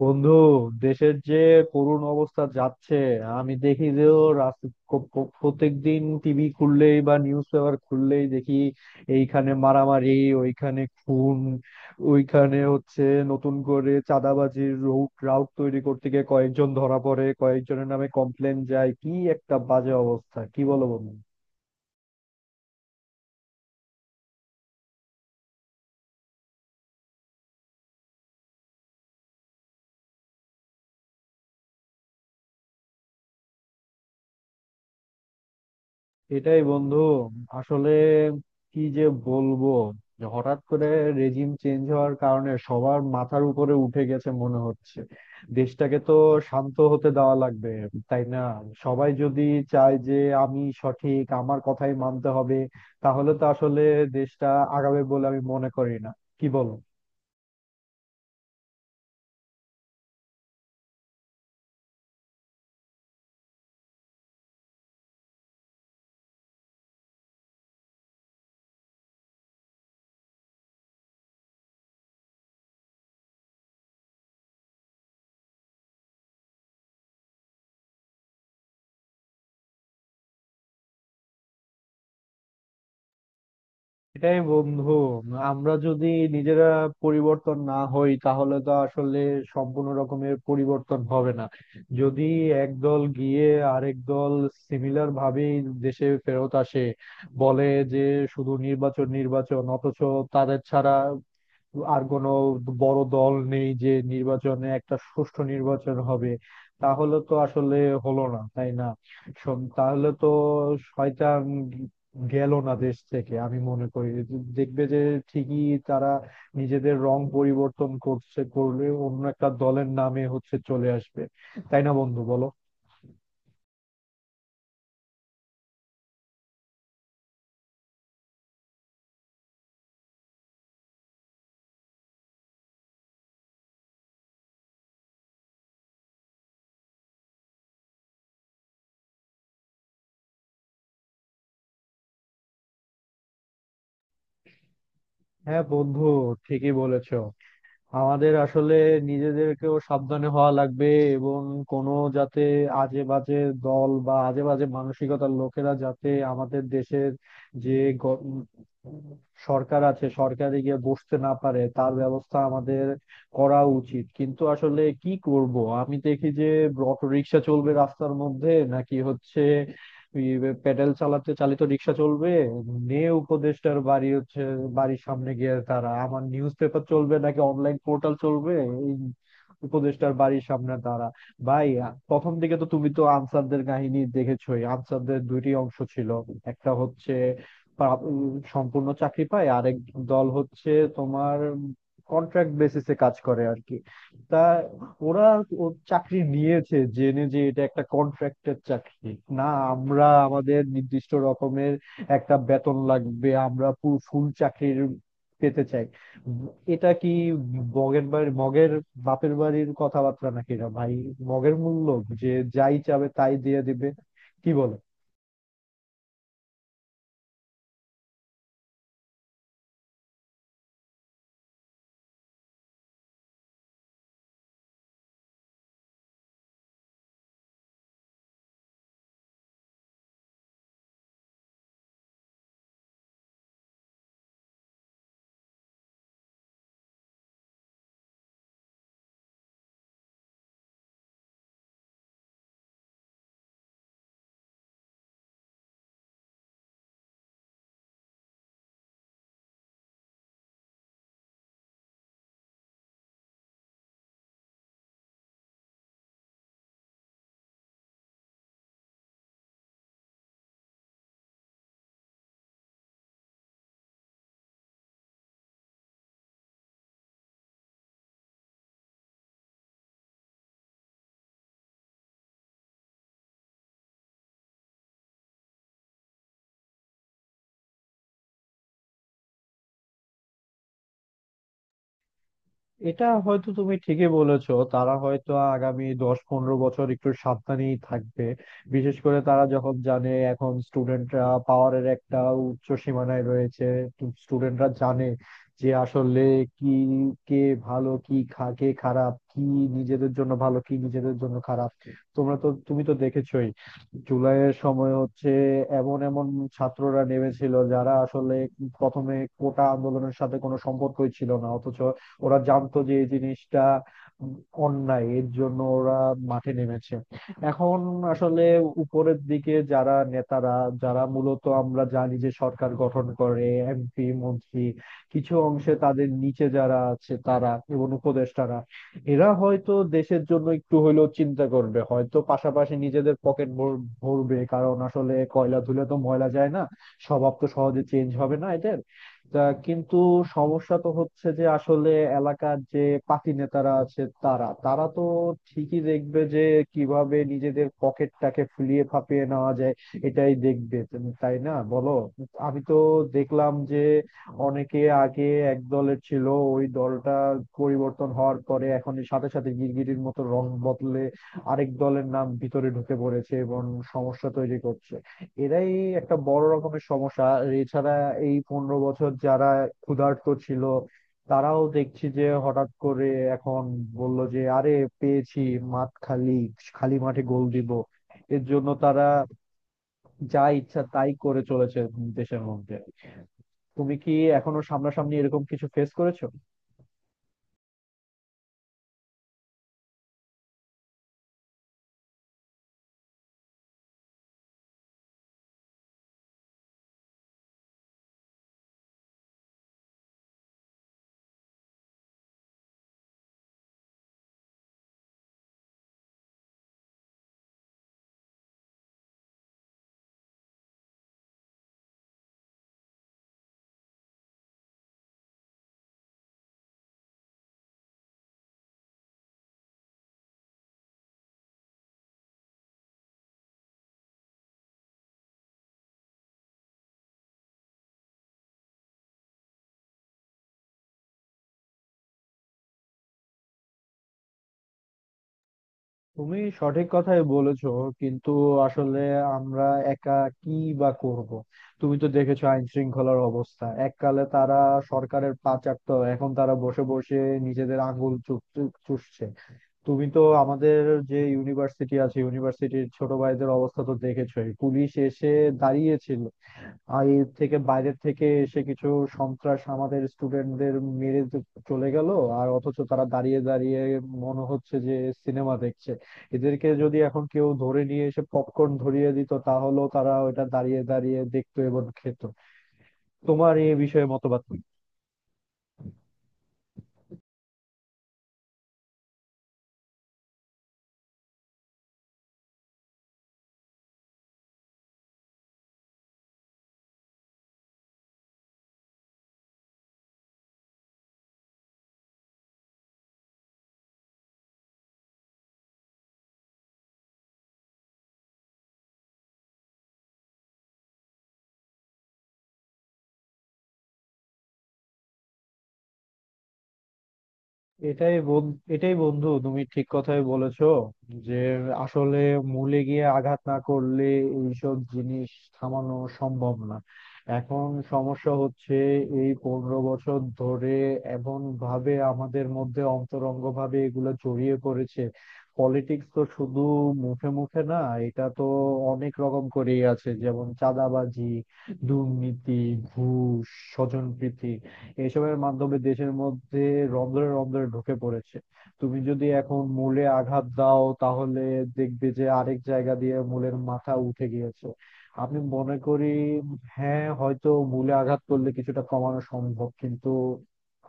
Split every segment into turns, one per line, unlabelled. বন্ধু, দেশের যে করুণ অবস্থা যাচ্ছে, আমি দেখি যে প্রত্যেক দিন টিভি খুললেই বা নিউজ পেপার খুললেই দেখি এইখানে মারামারি, ওইখানে খুন, ওইখানে হচ্ছে নতুন করে চাঁদাবাজির রুট রাউট তৈরি করতে গিয়ে কয়েকজন ধরা পড়ে, কয়েকজনের নামে কমপ্লেন যায়। কি একটা বাজে অবস্থা, কি বলো বন্ধু? এটাই বন্ধু, আসলে কি যে বলবো, যে হঠাৎ করে রেজিম চেঞ্জ হওয়ার কারণে সবার মাথার উপরে উঠে গেছে মনে হচ্ছে। দেশটাকে তো শান্ত হতে দেওয়া লাগবে, তাই না? সবাই যদি চায় যে আমি সঠিক, আমার কথাই মানতে হবে, তাহলে তো আসলে দেশটা আগাবে বলে আমি মনে করি না। কি বলো? এটাই বন্ধু, আমরা যদি নিজেরা পরিবর্তন না হই তাহলে তো আসলে সম্পূর্ণ রকমের পরিবর্তন হবে না। যদি একদল গিয়ে আরেক দল সিমিলার ভাবে দেশে ফেরত আসে, বলে যে শুধু নির্বাচন নির্বাচন, অথচ তাদের ছাড়া আর কোনো বড় দল নেই যে নির্বাচনে একটা সুষ্ঠু নির্বাচন হবে, তাহলে তো আসলে হলো না, তাই না? শোন, তাহলে তো শয়তান গেল না দেশ থেকে, আমি মনে করি। দেখবে যে ঠিকই তারা নিজেদের রং পরিবর্তন করছে, করলে অন্য একটা দলের নামে হচ্ছে চলে আসবে। তাই না বন্ধু, বলো? হ্যাঁ বন্ধু, ঠিকই বলেছো। আমাদের আসলে নিজেদেরকেও সাবধানে হওয়া লাগবে, এবং কোনো, যাতে আজে বাজে দল বা আজে বাজে মানসিকতার লোকেরা যাতে আমাদের দেশের যে গ- সরকার আছে সরকারে গিয়ে বসতে না পারে তার ব্যবস্থা আমাদের করা উচিত। কিন্তু আসলে কি করব? আমি দেখি যে অটো রিক্সা চলবে রাস্তার মধ্যে নাকি হচ্ছে, ওই প্যাডেল চালাতে চালিত রিক্সা চলবে, নে উপদেষ্টার বাড়ি হচ্ছে বাড়ির সামনে গিয়ে তারা। আমার নিউজ পেপার চলবে নাকি অনলাইন পোর্টাল চলবে, এই উপদেষ্টার বাড়ির সামনে তারা। ভাই, প্রথম দিকে তো তুমি তো আনসারদের কাহিনী দেখেছোই। আনসারদের দুইটি অংশ ছিল, একটা হচ্ছে সম্পূর্ণ চাকরি পায়, আরেক দল হচ্ছে তোমার কন্ট্রাক্ট বেসিসে কাজ করে আর কি। তা ওরা ও চাকরি নিয়েছে জেনে যে এটা একটা কন্ট্রাক্টের চাকরি। না, আমরা আমাদের নির্দিষ্ট রকমের একটা বেতন লাগবে, আমরা পুরো ফুল চাকরির পেতে চাই। উম, এটা কি মগের বাড়ি, মগের বাপের বাড়ির কথাবার্তা নাকি? না ভাই, মগের মূল্য, যে যাই চাবে তাই দিয়ে দিবে। কি বলে? এটা হয়তো তুমি ঠিকই বলেছো, তারা হয়তো আগামী 10-15 বছর একটু সাবধানেই থাকবে। বিশেষ করে তারা যখন জানে এখন স্টুডেন্টরা পাওয়ারের একটা উচ্চ সীমানায় রয়েছে। স্টুডেন্টরা জানে যে আসলে কি, কে ভালো কি কে খারাপ কি, নিজেদের জন্য ভালো কি নিজেদের জন্য খারাপ। তোমরা তো, তুমি তো দেখেছোই জুলাইয়ের সময় হচ্ছে এমন এমন ছাত্ররা নেমেছিল যারা আসলে প্রথমে কোটা আন্দোলনের সাথে কোনো সম্পর্কই ছিল না, অথচ ওরা জানতো যে এই জিনিসটা অন্যায়, এর জন্য ওরা মাঠে নেমেছে। এখন আসলে উপরের দিকে যারা নেতারা, যারা মূলত আমরা জানি যে সরকার গঠন করে, এমপি মন্ত্রী, কিছু অংশে তাদের নিচে যারা আছে তারা এবং উপদেষ্টারা, এরা হয়তো দেশের জন্য একটু হইলেও চিন্তা করবে, হয়তো পাশাপাশি নিজেদের পকেট ভরবে, কারণ আসলে কয়লা ধুলে তো ময়লা যায় না। স্বভাব তো সহজে চেঞ্জ হবে না এদের। তা কিন্তু সমস্যা তো হচ্ছে যে আসলে এলাকার যে পাতি নেতারা আছে তারা তারা তো ঠিকই দেখবে যে কিভাবে নিজেদের পকেটটাকে ফুলিয়ে ফাঁপিয়ে নেওয়া যায়। এটাই দেখবে তুমি, তাই না বলো? আমি তো দেখলাম যে অনেকে আগে এক দলের ছিল, ওই দলটা পরিবর্তন হওয়ার পরে এখন সাথে সাথে গিরগিটির মতো রং বদলে আরেক দলের নাম ভিতরে ঢুকে পড়েছে এবং সমস্যা তৈরি করছে। এরাই একটা বড় রকমের সমস্যা। আর এছাড়া এই 15 বছর যারা ক্ষুধার্ত ছিল তারাও দেখছি যে হঠাৎ করে এখন বলল যে আরে পেয়েছি, মাঠ খালি, খালি মাঠে গোল দিব। এর জন্য তারা যা ইচ্ছা তাই করে চলেছে দেশের মধ্যে। তুমি কি এখনো সামনাসামনি এরকম কিছু ফেস করেছো? তুমি সঠিক কথাই বলেছো, কিন্তু আসলে আমরা একা কি বা করব। তুমি তো দেখেছো আইন শৃঙ্খলার অবস্থা, এককালে তারা সরকারের পা চাটতো, এখন তারা বসে বসে নিজেদের আঙ্গুল চু- চু- চুষছে। তুমি তো আমাদের যে ইউনিভার্সিটি আছে, ইউনিভার্সিটির ছোট ভাইদের অবস্থা তো দেখেছোই, পুলিশ এসে দাঁড়িয়েছিল আর এর থেকে বাইরের থেকে এসে কিছু সন্ত্রাস আমাদের স্টুডেন্টদের মেরে চলে গেল, আর অথচ তারা দাঁড়িয়ে দাঁড়িয়ে মনে হচ্ছে যে সিনেমা দেখছে। এদেরকে যদি এখন কেউ ধরে নিয়ে এসে পপকর্ন ধরিয়ে দিত তাহলেও তারা ওটা দাঁড়িয়ে দাঁড়িয়ে দেখতো এবং খেত। তোমার এই বিষয়ে মতবাদ কি? এটাই বন্ধু, তুমি ঠিক কথাই বলেছো, যে আসলে মূলে গিয়ে আঘাত না করলে এইসব জিনিস থামানো সম্ভব না। এখন সমস্যা হচ্ছে এই 15 বছর ধরে এমন ভাবে আমাদের মধ্যে অন্তরঙ্গ ভাবে এগুলো জড়িয়ে পড়েছে। পলিটিক্স তো শুধু মুখে মুখে না, এটা তো অনেক রকম করেই আছে, যেমন চাঁদাবাজি, দুর্নীতি, ঘুষ, স্বজনপ্রীতি, এসবের মাধ্যমে দেশের মধ্যে রন্ধ্রে রন্ধ্রে ঢুকে পড়েছে। তুমি যদি এখন মূলে আঘাত দাও তাহলে দেখবে যে আরেক জায়গা দিয়ে মূলের মাথা উঠে গিয়েছে। আমি মনে করি হ্যাঁ, হয়তো মূলে আঘাত করলে কিছুটা কমানো সম্ভব, কিন্তু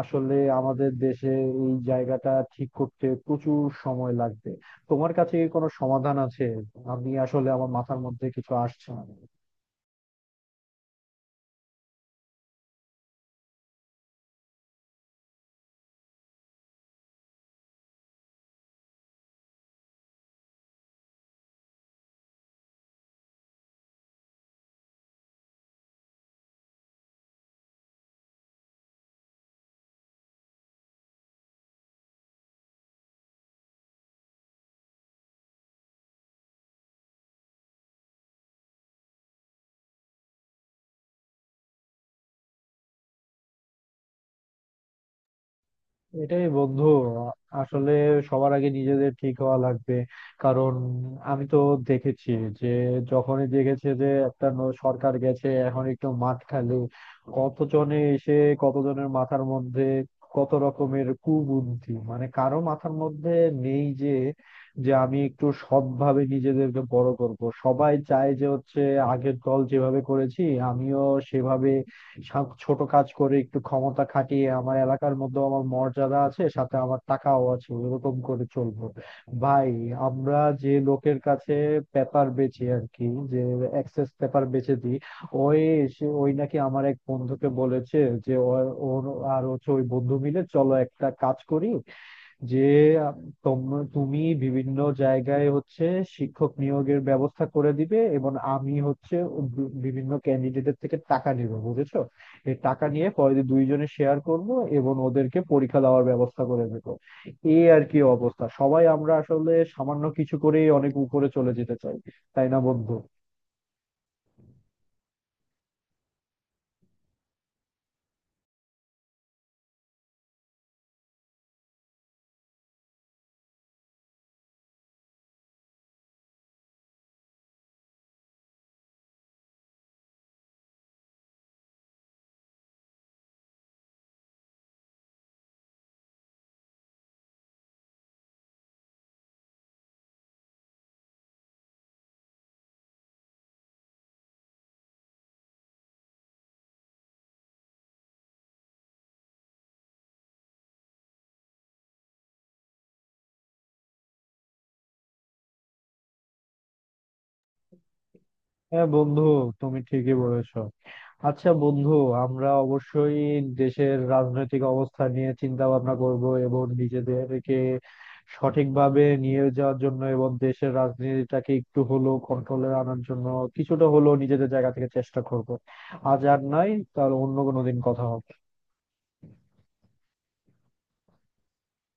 আসলে আমাদের দেশে এই জায়গাটা ঠিক করতে প্রচুর সময় লাগবে। তোমার কাছে কি কোনো সমাধান আছে? আমি আসলে আমার মাথার মধ্যে কিছু আসছে না। এটাই বন্ধু, আসলে সবার আগে নিজেদের ঠিক হওয়া লাগবে। কারণ আমি তো দেখেছি যে যখনই দেখেছে যে একটা সরকার গেছে এখন একটু মাঠ খালি, কতজনে এসে কতজনের মাথার মধ্যে কত রকমের কুবুদ্ধি। মানে কারো মাথার মধ্যে নেই যে, যে আমি একটু সৎভাবে নিজেদেরকে বড় করব। সবাই চায় যে হচ্ছে আগের দল যেভাবে করেছি আমিও সেভাবে সব ছোট কাজ করে একটু ক্ষমতা খাটিয়ে আমার এলাকার মধ্যে আমার মর্যাদা আছে সাথে আমার টাকাও আছে এরকম করে চলবো। ভাই, আমরা যে লোকের কাছে পেপার বেচি আর কি, যে এক্সেস পেপার বেচে দিই, ওই সে ওই নাকি আমার এক বন্ধুকে বলেছে যে ওর আর হচ্ছে ওই বন্ধু মিলে চলো একটা কাজ করি, যে আহ, তুমি বিভিন্ন জায়গায় হচ্ছে শিক্ষক নিয়োগের ব্যবস্থা করে দিবে এবং আমি হচ্ছে বিভিন্ন ক্যান্ডিডেটের থেকে টাকা নেব, বুঝেছো? এই টাকা নিয়ে পরে দুইজনে শেয়ার করব এবং ওদেরকে পরীক্ষা দেওয়ার ব্যবস্থা করে দেবো। এই আর কি অবস্থা, সবাই আমরা আসলে সামান্য কিছু করেই অনেক উপরে চলে যেতে চাই, তাই না বন্ধু? হ্যাঁ বন্ধু, তুমি ঠিকই বলেছো। আচ্ছা বন্ধু, আমরা অবশ্যই দেশের রাজনৈতিক অবস্থা নিয়ে চিন্তা ভাবনা করব এবং নিজেদেরকে সঠিকভাবে নিয়ে যাওয়ার জন্য এবং দেশের রাজনীতিটাকে একটু হলেও কন্ট্রোলে আনার জন্য কিছুটা হলেও নিজেদের জায়গা থেকে চেষ্টা করব। আজ আর নাই, তাহলে অন্য কোনো দিন কথা হবে।